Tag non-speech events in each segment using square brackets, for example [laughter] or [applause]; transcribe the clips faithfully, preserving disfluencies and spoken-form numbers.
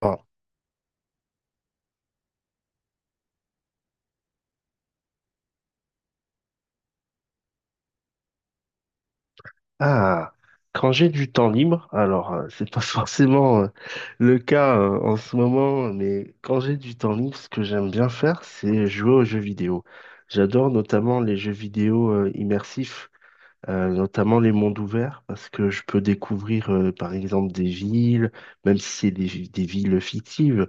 Bon. Ah, quand j'ai du temps libre, alors euh, c'est pas [laughs] forcément, euh, le cas euh, en ce moment, mais quand j'ai du temps libre, ce que j'aime bien faire, c'est jouer aux jeux vidéo. J'adore notamment les jeux vidéo euh, immersifs, euh, notamment les mondes ouverts, parce que je peux découvrir, euh, par exemple, des villes, même si c'est des, vi- des villes fictives.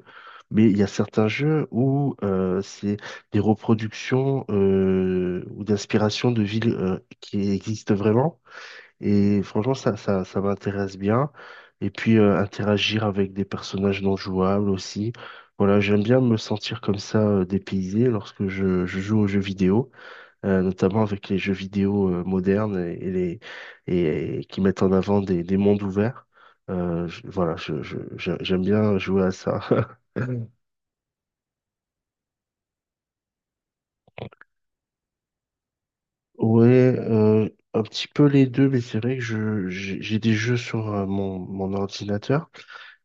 Mais il y a certains jeux où, euh, c'est des reproductions, euh, ou d'inspiration de villes euh, qui existent vraiment. Et franchement, ça, ça, ça m'intéresse bien. Et puis, euh, interagir avec des personnages non jouables aussi. Voilà, j'aime bien me sentir comme ça, euh, dépaysé lorsque je, je joue aux jeux vidéo, euh, notamment avec les jeux vidéo euh, modernes et, et les, et, et qui mettent en avant des, des mondes ouverts. Euh, je- voilà, je, je, je- j'aime bien jouer à ça. [laughs] Ouais, euh, un petit peu les deux, mais c'est vrai que je j'ai j'ai des jeux sur euh, mon, mon ordinateur,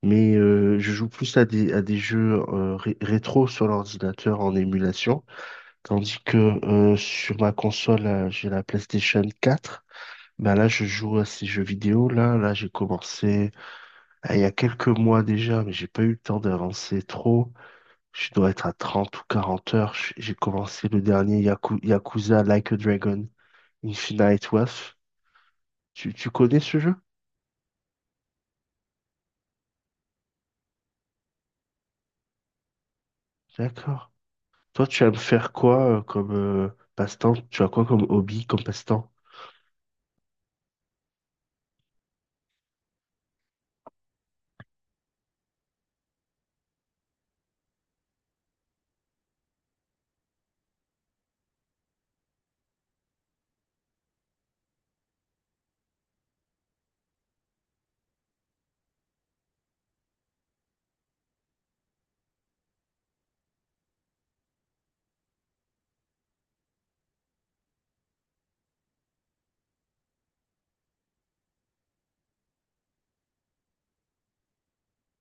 mais euh, je joue plus à des à des jeux, euh, ré- rétro sur l'ordinateur en émulation, tandis que euh, sur ma console, euh, j'ai la PlayStation quatre. Ben là, je joue à ces jeux vidéo là, là j'ai commencé euh, il y a quelques mois déjà, mais j'ai pas eu le temps d'avancer trop. Je dois être à trente ou quarante heures. J'ai j'ai commencé le dernier Yaku- Yakuza Like a Dragon Infinite Wealth. Tu, tu connais ce jeu? D'accord. Toi, tu aimes faire quoi euh, comme euh, passe-temps? Tu as quoi comme hobby, comme passe-temps?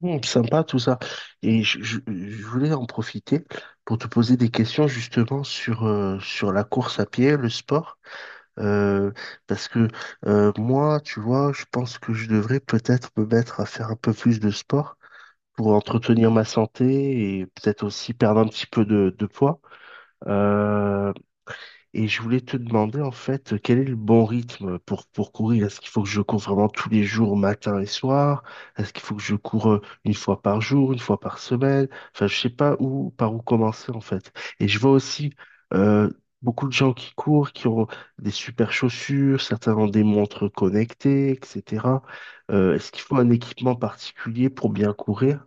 Hmm, sympa tout ça. Et je, je- je voulais en profiter pour te poser des questions, justement, sur, euh, sur la course à pied, le sport. Euh, Parce que, euh, moi, tu vois, je pense que je devrais peut-être me mettre à faire un peu plus de sport pour entretenir ma santé et peut-être aussi perdre un petit peu de, de poids. Euh, Et je voulais te demander, en fait, quel est le bon rythme pour, pour courir? Est-ce qu'il faut que je cours vraiment tous les jours, matin et soir? Est-ce qu'il faut que je cours, euh, une fois par jour, une fois par semaine? Enfin, je sais pas où par où commencer, en fait. Et je vois aussi, euh, beaucoup de gens qui courent, qui ont des super chaussures, certains ont des montres connectées, et cetera. Euh, est-ce qu'il faut un équipement particulier pour bien courir?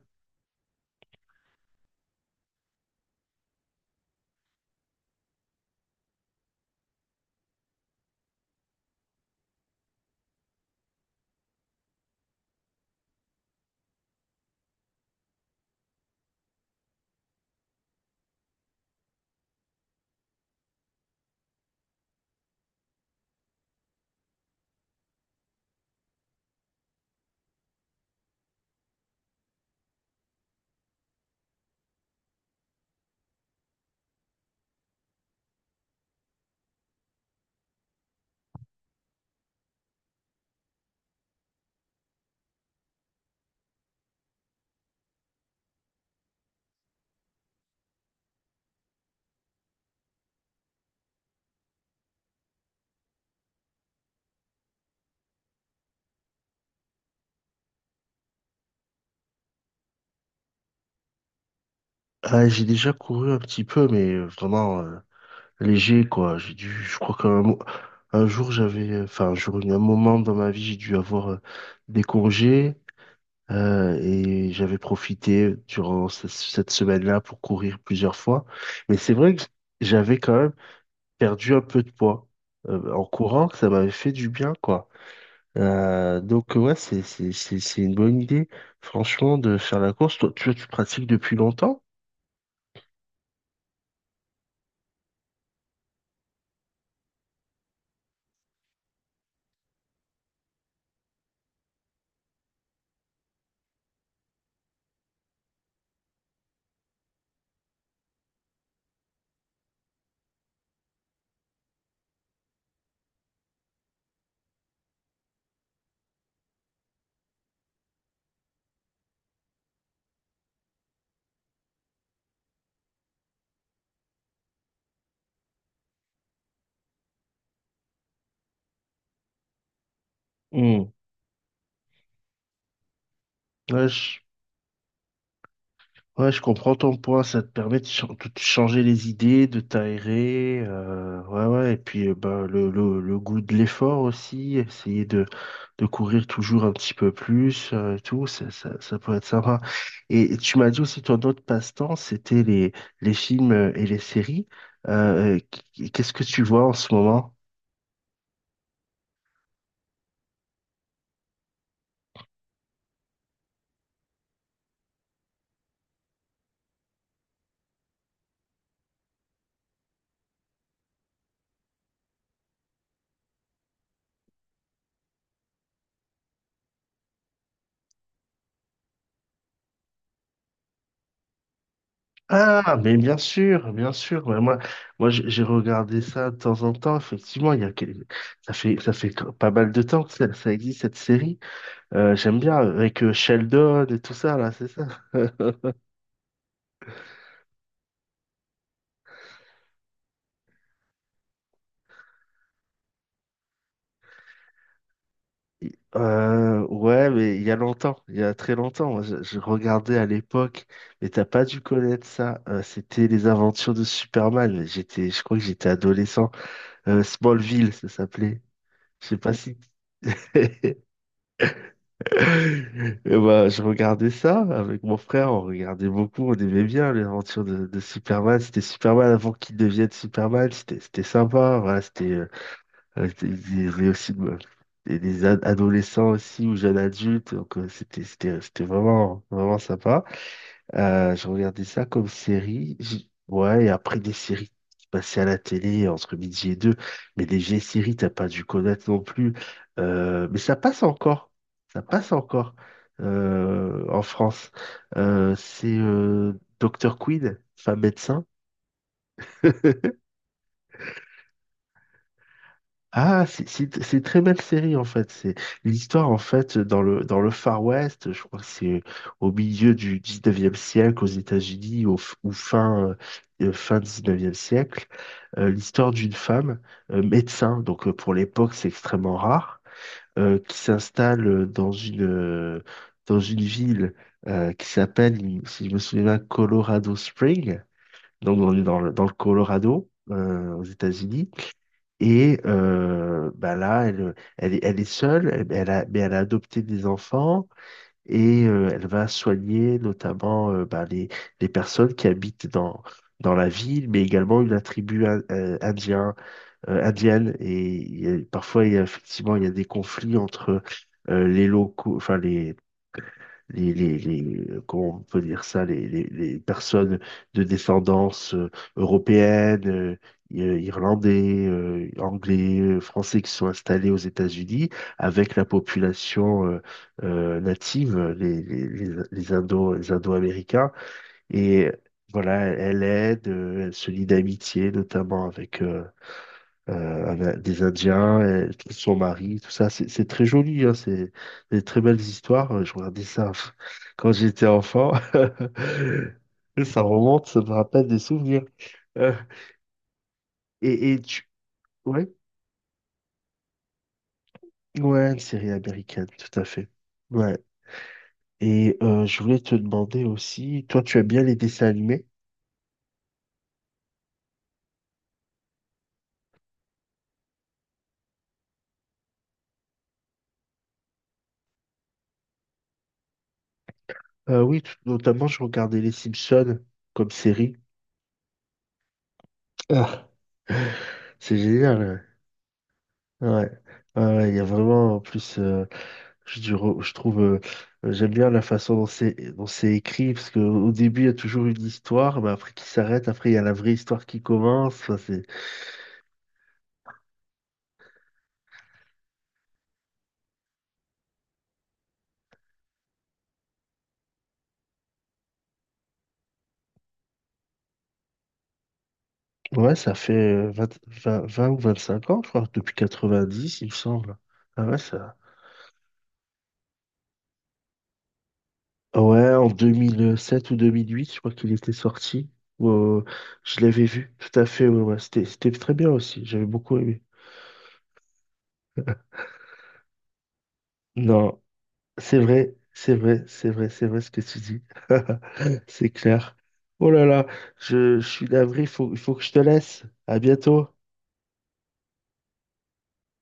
Ah, j'ai déjà couru un petit peu, mais euh, vraiment euh, léger, quoi. J'ai dû, je crois qu'un mo- un jour, j'avais, enfin, un jour, un moment dans ma vie, j'ai dû avoir euh, des congés, euh, et j'avais profité durant ce- cette semaine-là pour courir plusieurs fois. Mais c'est vrai que j'avais quand même perdu un peu de poids euh, en courant, que ça m'avait fait du bien, quoi. Euh, donc ouais, c'est c'est c'est c'est une bonne idée, franchement, de faire la course. Toi, tu tu pratiques depuis longtemps? Hmm. Ouais, je Ouais, je comprends ton point. Ça te permet de, ch- de te changer les idées, de t'aérer, euh, ouais, ouais. Et puis, euh, ben, le, le, le goût de l'effort aussi. Essayer de, de courir toujours un petit peu plus, euh, et tout, ça, ça, ça peut être sympa. Et tu m'as dit aussi, ton autre passe-temps, c'était les, les films euh, et les séries. Euh, qu- Qu'est-ce que tu vois en ce moment? Ah, mais bien sûr, bien sûr. Ouais, moi, moi, j'ai j'ai regardé ça de temps en temps. Effectivement, il y a quel- ça fait, ça fait que- pas mal de temps que ça, ça existe, cette série. Euh, j'aime bien avec euh, Sheldon et tout ça là, c'est ça. Il- Euh, ouais, mais il y a longtemps, il y a très longtemps. Moi, je, je regardais à l'époque, mais t'as pas dû connaître ça. Euh, c'était les aventures de Superman. J'étais, je crois que j'étais adolescent. Euh, Smallville, ça s'appelait. Je sais pas si. [laughs] Et bah, je regardais ça avec mon frère, on regardait beaucoup, on aimait bien l'aventure de, de Superman. C'était Superman avant qu'il devienne Superman, c'était c'était sympa. Voilà, c'était euh, euh, c'était- il y avait aussi, euh, des, des ad- adolescents aussi, ou jeunes adultes, donc euh, c'était c'était c'était vraiment vraiment sympa. Euh, je regardais ça comme série. J- Ouais, et après, des séries qui passaient à la télé entre midi et deux. Mais des vieilles séries, t'as pas dû connaître non plus. Euh, mais ça passe encore. Ça passe encore, euh, en France. Euh, c'est, euh, docteur Quinn, femme médecin. [laughs] Ah, c'est c'est- c'est une très belle série, en fait. C'est l'histoire, en fait, dans le dans le Far West. Je crois que c'est au milieu du dix-neuvième siècle aux États-Unis, au f- ou fin, euh, fin dix-neuvième siècle. Euh, l'histoire d'une femme euh, médecin, donc, euh, pour l'époque, c'est extrêmement rare, euh, qui s'installe euh, dans une euh, dans une ville euh, qui s'appelle, si je me souviens bien, Colorado Springs. Donc, on est dans le, dans le Colorado, euh, aux États-Unis. Et euh, bah là, elle, elle, est elle est seule, elle- elle a, mais elle a adopté des enfants, et euh, elle va soigner notamment, euh, bah, les, les personnes qui habitent dans, dans la ville, mais également une tribu in- euh, indien, euh, indienne. Et il y a- parfois, il y a, effectivement, il y a des conflits entre, euh, les locaux, enfin les, les, les, les- comment on peut dire ça, les, les, les personnes de descendance euh, européenne, euh, i- euh, irlandais, euh, anglais, euh, français, qui sont installés aux États-Unis avec la population, euh, euh, native, euh, les, les, les, les Indo, les Indo-Américains. Et voilà, elle aide, euh, elle se lie d'amitié, notamment avec, euh, euh, avec des Indiens, et tout son mari, tout ça. C'est c'est très joli, hein, c'est des très belles histoires. Euh, Je regardais ça [laughs] pff, quand j'étais enfant. [laughs] Ça remonte, ça me rappelle des souvenirs. Euh, et, et tu... Ouais, ouais, une série américaine, tout à fait. Ouais. Et euh, je voulais te demander aussi, toi, tu aimes bien les dessins animés? Euh, oui, tout- notamment, je regardais Les Simpsons comme série. Ah, c'est génial. Ouais. Ouais, ouais, ouais, il y a vraiment, en plus, euh, Je, dis- je trouve, euh, euh, j'aime bien la façon dont c'est dont c'est écrit, parce qu'au début, il y a toujours une histoire, mais après qui s'arrête, après, il y a la vraie histoire qui commence. Enfin, c'est... Ouais, ça fait euh, vingt 20 vingt ou vingt-cinq ans, je crois, depuis quatre-vingt-dix, il me semble. Ah ouais, ça... Ouais, en deux mille sept ou deux mille huit, je crois qu'il était sorti. Ou, euh, je l'avais vu, tout à fait, ouais, ouais. C'était, c'était très bien aussi, j'avais beaucoup aimé. Non. C'est vrai, c'est vrai, c'est vrai, c'est vrai ce que tu dis. [laughs] C'est clair. Oh là là, je, je suis navré, il faut, il faut que je te laisse. À bientôt.